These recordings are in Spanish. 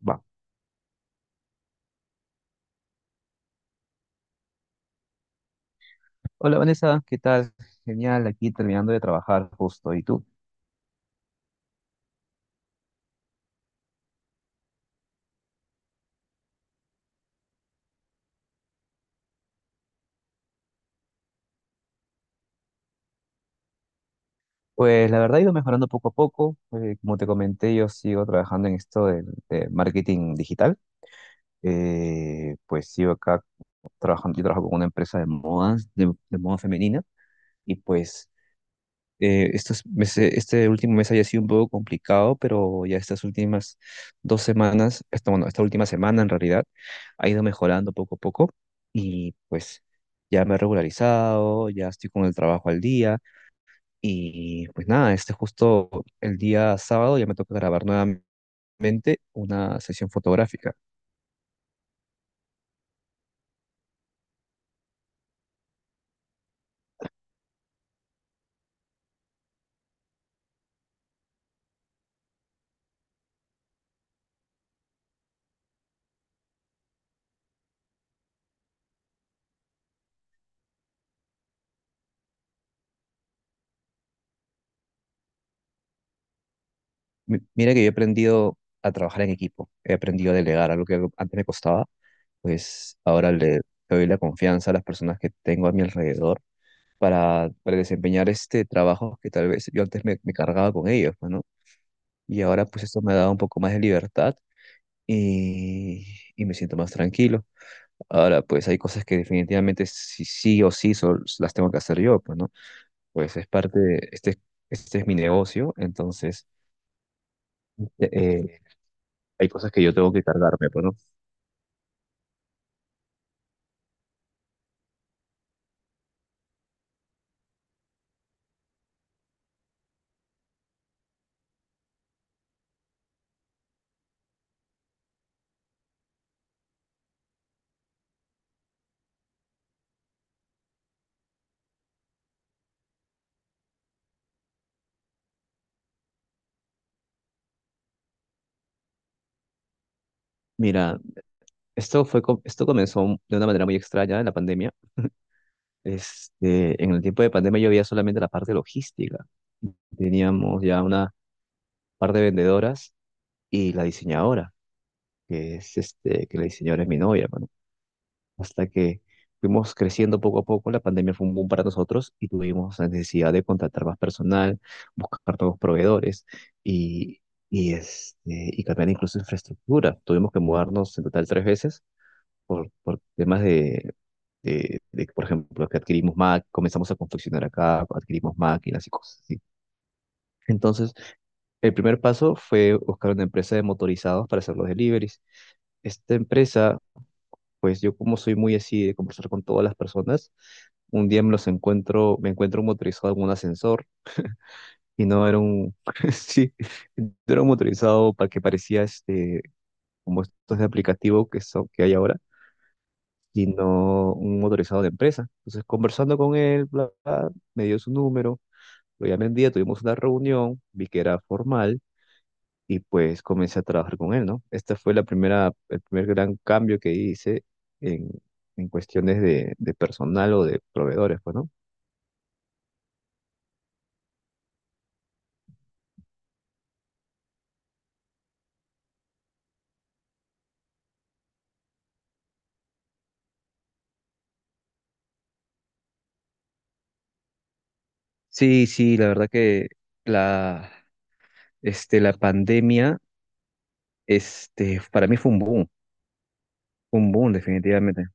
Va. Hola Vanessa, ¿qué tal? Genial, aquí terminando de trabajar justo. ¿Y tú? Pues la verdad he ido mejorando poco a poco. Como te comenté, yo sigo trabajando en esto de marketing digital. Pues sigo acá trabajando, yo trabajo con una empresa de modas, de moda femenina. Y pues este último mes haya sido un poco complicado, pero ya estas últimas dos semanas, esta, bueno, esta última semana en realidad, ha ido mejorando poco a poco y pues ya me he regularizado, ya estoy con el trabajo al día y pues nada, este justo el día sábado ya me toca grabar nuevamente una sesión fotográfica. Mira que yo he aprendido a trabajar en equipo, he aprendido a delegar, algo que antes me costaba, pues ahora le doy la confianza a las personas que tengo a mi alrededor para desempeñar este trabajo que tal vez yo antes me cargaba con ellos, pues, ¿no? Y ahora pues esto me ha dado un poco más de libertad y, y me siento más tranquilo. Ahora pues hay cosas que definitivamente sí, sí o sí las tengo que hacer yo, pues, ¿no? Pues es parte de, este es mi negocio, entonces eh, eh, hay cosas que yo tengo que cargarme, pues, ¿no? Mira, esto fue, esto comenzó de una manera muy extraña en la pandemia. Este, en el tiempo de pandemia yo veía solamente la parte logística. Teníamos ya una par de vendedoras y la diseñadora, que es este, que la diseñadora es mi novia, mano. Hasta que fuimos creciendo poco a poco, la pandemia fue un boom para nosotros y tuvimos la necesidad de contratar más personal, buscar nuevos proveedores y, este, y cambiar incluso infraestructura. Tuvimos que mudarnos en total tres veces por temas de, por ejemplo, que adquirimos Mac, comenzamos a confeccionar acá, adquirimos máquinas y cosas así. Entonces, el primer paso fue buscar una empresa de motorizados para hacer los deliveries. Esta empresa, pues yo como soy muy así de conversar con todas las personas, un día me los encuentro, me encuentro un motorizado en un ascensor y no era un, sí, no era un motorizado para que parecía este, como estos de aplicativo que son, que hay ahora, sino un motorizado de empresa. Entonces, conversando con él, bla, bla, me dio su número, lo llamé un día, tuvimos una reunión, vi que era formal y pues comencé a trabajar con él, ¿no? Esta fue la primera, el primer gran cambio que hice en, en cuestiones de personal o de proveedores, pues, ¿no? Sí, sí, la verdad que la, este, la pandemia, este, para mí fue un boom definitivamente.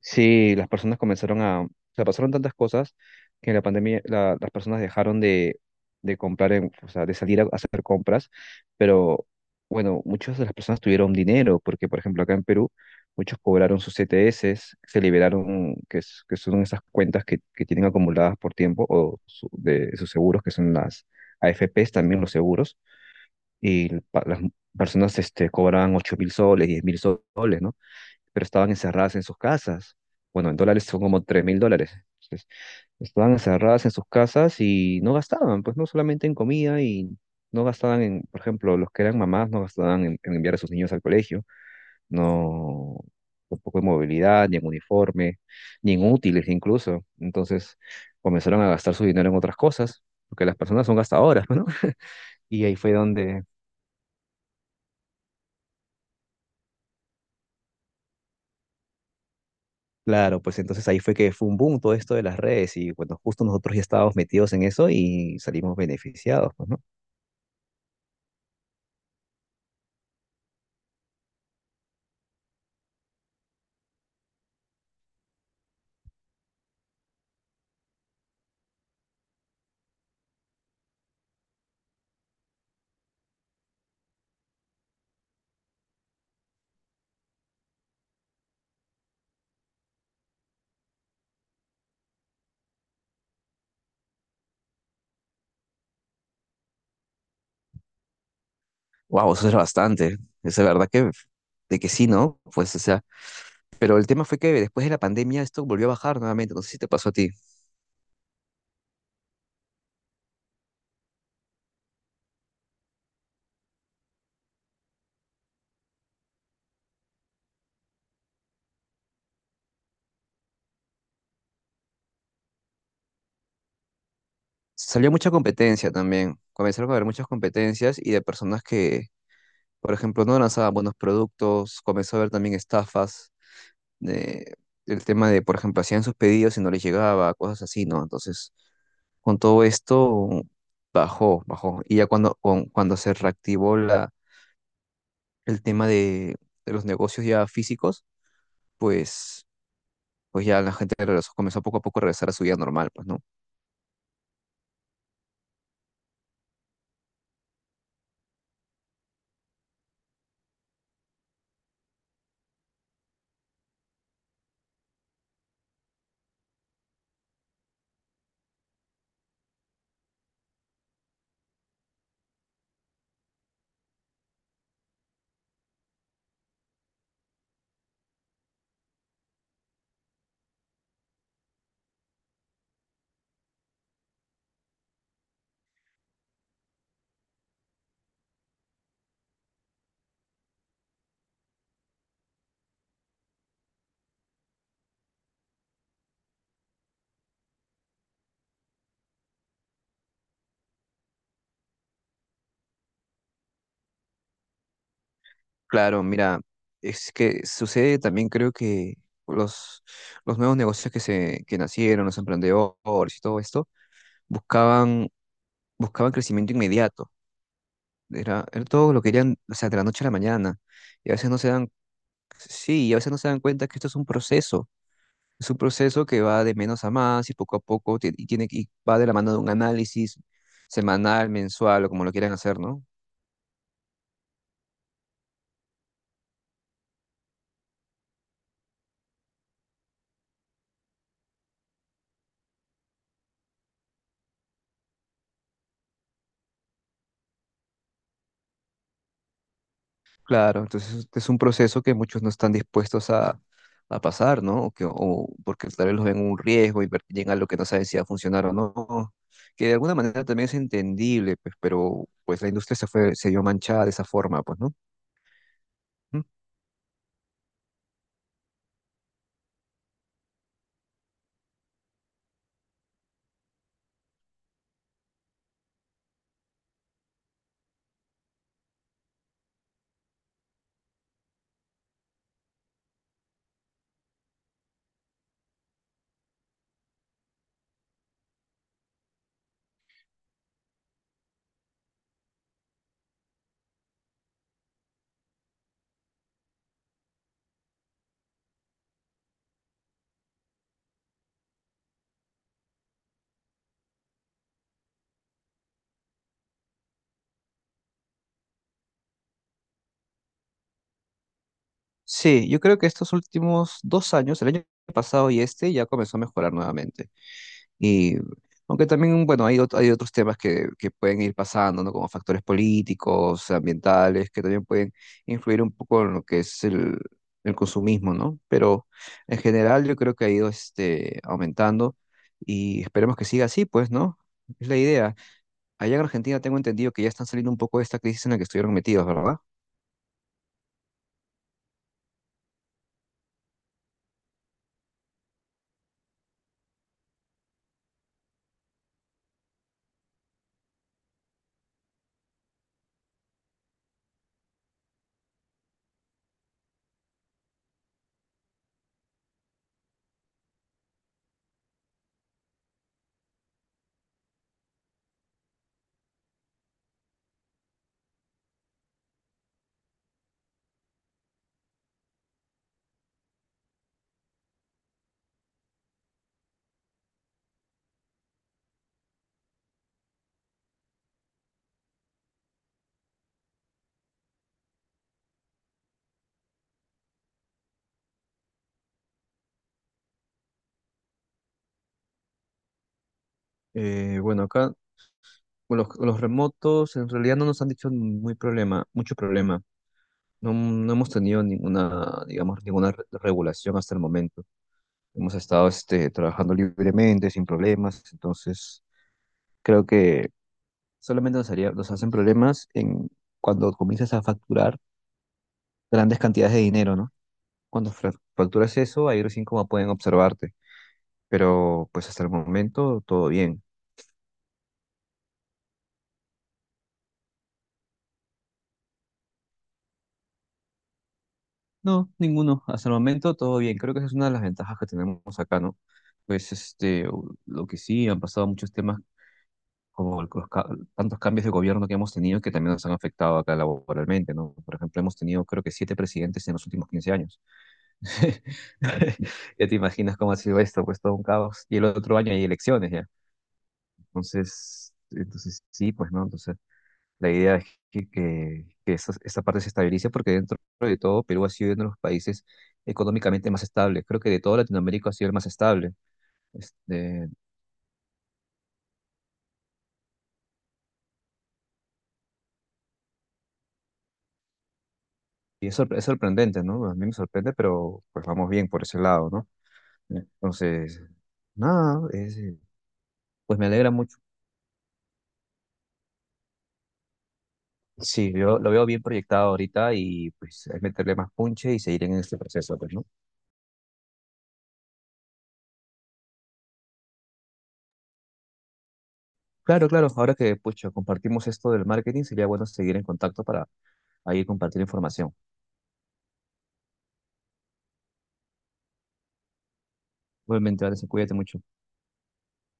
Sí, las personas comenzaron a, o sea, pasaron tantas cosas que las personas dejaron de comprar, o sea, de salir a hacer compras, pero bueno, muchas de las personas tuvieron dinero, porque por ejemplo acá en Perú, muchos cobraron sus CTS, se liberaron, que, que son esas cuentas que tienen acumuladas por tiempo, de sus seguros, que son las AFPs, también los seguros, y las personas este, cobraban 8000 soles, 10,000 soles, ¿no? Pero estaban encerradas en sus casas. Bueno, en dólares son como 3000 dólares. Entonces, estaban encerradas en sus casas y no gastaban, pues no solamente en comida y no gastaban en, por ejemplo, los que eran mamás no gastaban en, enviar a sus niños al colegio, no tampoco en movilidad, ni en uniforme, ni en útiles incluso. Entonces comenzaron a gastar su dinero en otras cosas, porque las personas son gastadoras, ¿no? Y ahí fue donde. Claro, pues entonces ahí fue que fue un boom todo esto de las redes y bueno, justo nosotros ya estábamos metidos en eso y salimos beneficiados, pues, ¿no? Wow, eso es bastante. Es la verdad que, de que sí, ¿no? Pues, o sea, pero el tema fue que después de la pandemia esto volvió a bajar nuevamente. No sé si te pasó a ti. Salió mucha competencia también. Comenzaron a haber muchas competencias y de personas que, por ejemplo, no lanzaban buenos productos. Comenzó a haber también estafas. de- el tema de, por ejemplo, hacían sus pedidos y no les llegaba, cosas así, ¿no? Entonces, con todo esto, bajó, bajó. Y ya cuando, cuando se reactivó la, el tema de los negocios ya físicos, pues, pues ya la gente regresó, comenzó poco a poco a regresar a su vida normal, pues, ¿no? Claro, mira, es que sucede también, creo que los, los nuevos negocios que, se, que nacieron, los emprendedores y todo esto, buscaban, buscaban crecimiento inmediato. Era todo lo querían, o sea, de la noche a la mañana. Y a veces no se dan, sí, y a veces no se dan cuenta que esto es un proceso. Es un proceso que va de menos a más y poco a poco y va de la mano de un análisis semanal, mensual o como lo quieran hacer, ¿no? Claro, entonces es un proceso que muchos no están dispuestos a pasar, ¿no? O que, o porque tal vez los ven un riesgo y llegan a lo que no saben si va a funcionar o no. Que de alguna manera también es entendible, pues, pero pues la industria se fue, se vio manchada de esa forma, pues, ¿no? Sí, yo creo que estos últimos 2 años, el año pasado y este, ya comenzó a mejorar nuevamente. Y aunque también, bueno, hay, hay otros temas que pueden ir pasando, ¿no? Como factores políticos, ambientales, que también pueden influir un poco en lo que es el consumismo, ¿no? Pero en general yo creo que ha ido este, aumentando y esperemos que siga así, pues, ¿no? Es la idea. Allá en Argentina tengo entendido que ya están saliendo un poco de esta crisis en la que estuvieron metidos, ¿verdad? Bueno, acá con los remotos en realidad no nos han dicho mucho problema. No, no hemos tenido ninguna, digamos, ninguna regulación hasta el momento. Hemos estado este, trabajando libremente, sin problemas. Entonces, creo que solamente nos haría, nos hacen problemas en cuando comienzas a facturar grandes cantidades de dinero, ¿no? Cuando facturas eso, ahí recién como pueden observarte. Pero pues hasta el momento todo bien. No, ninguno. Hasta el momento todo bien. Creo que esa es una de las ventajas que tenemos acá, ¿no? Pues este, lo que sí, han pasado muchos temas como los, tantos cambios de gobierno que hemos tenido que también nos han afectado acá laboralmente, ¿no? Por ejemplo, hemos tenido creo que siete presidentes en los últimos 15 años. Ya te imaginas cómo ha sido esto, pues todo un caos. Y el otro año hay elecciones ya. Entonces, sí, pues, ¿no? Entonces. La idea es que esa parte se estabilice porque dentro de todo Perú ha sido uno de los países económicamente más estables. Creo que de toda Latinoamérica ha sido el más estable. Este, y es sorprendente, ¿no? A mí me sorprende, pero pues vamos bien por ese lado, ¿no? Entonces, nada, pues me alegra mucho. Sí, yo lo veo bien proyectado ahorita y pues es meterle más punche y seguir en este proceso, pues, ¿no? Claro, claro, ahora que, pucha, compartimos esto del marketing, sería bueno seguir en contacto para ahí compartir información. Obviamente, Anderson, cuídate mucho.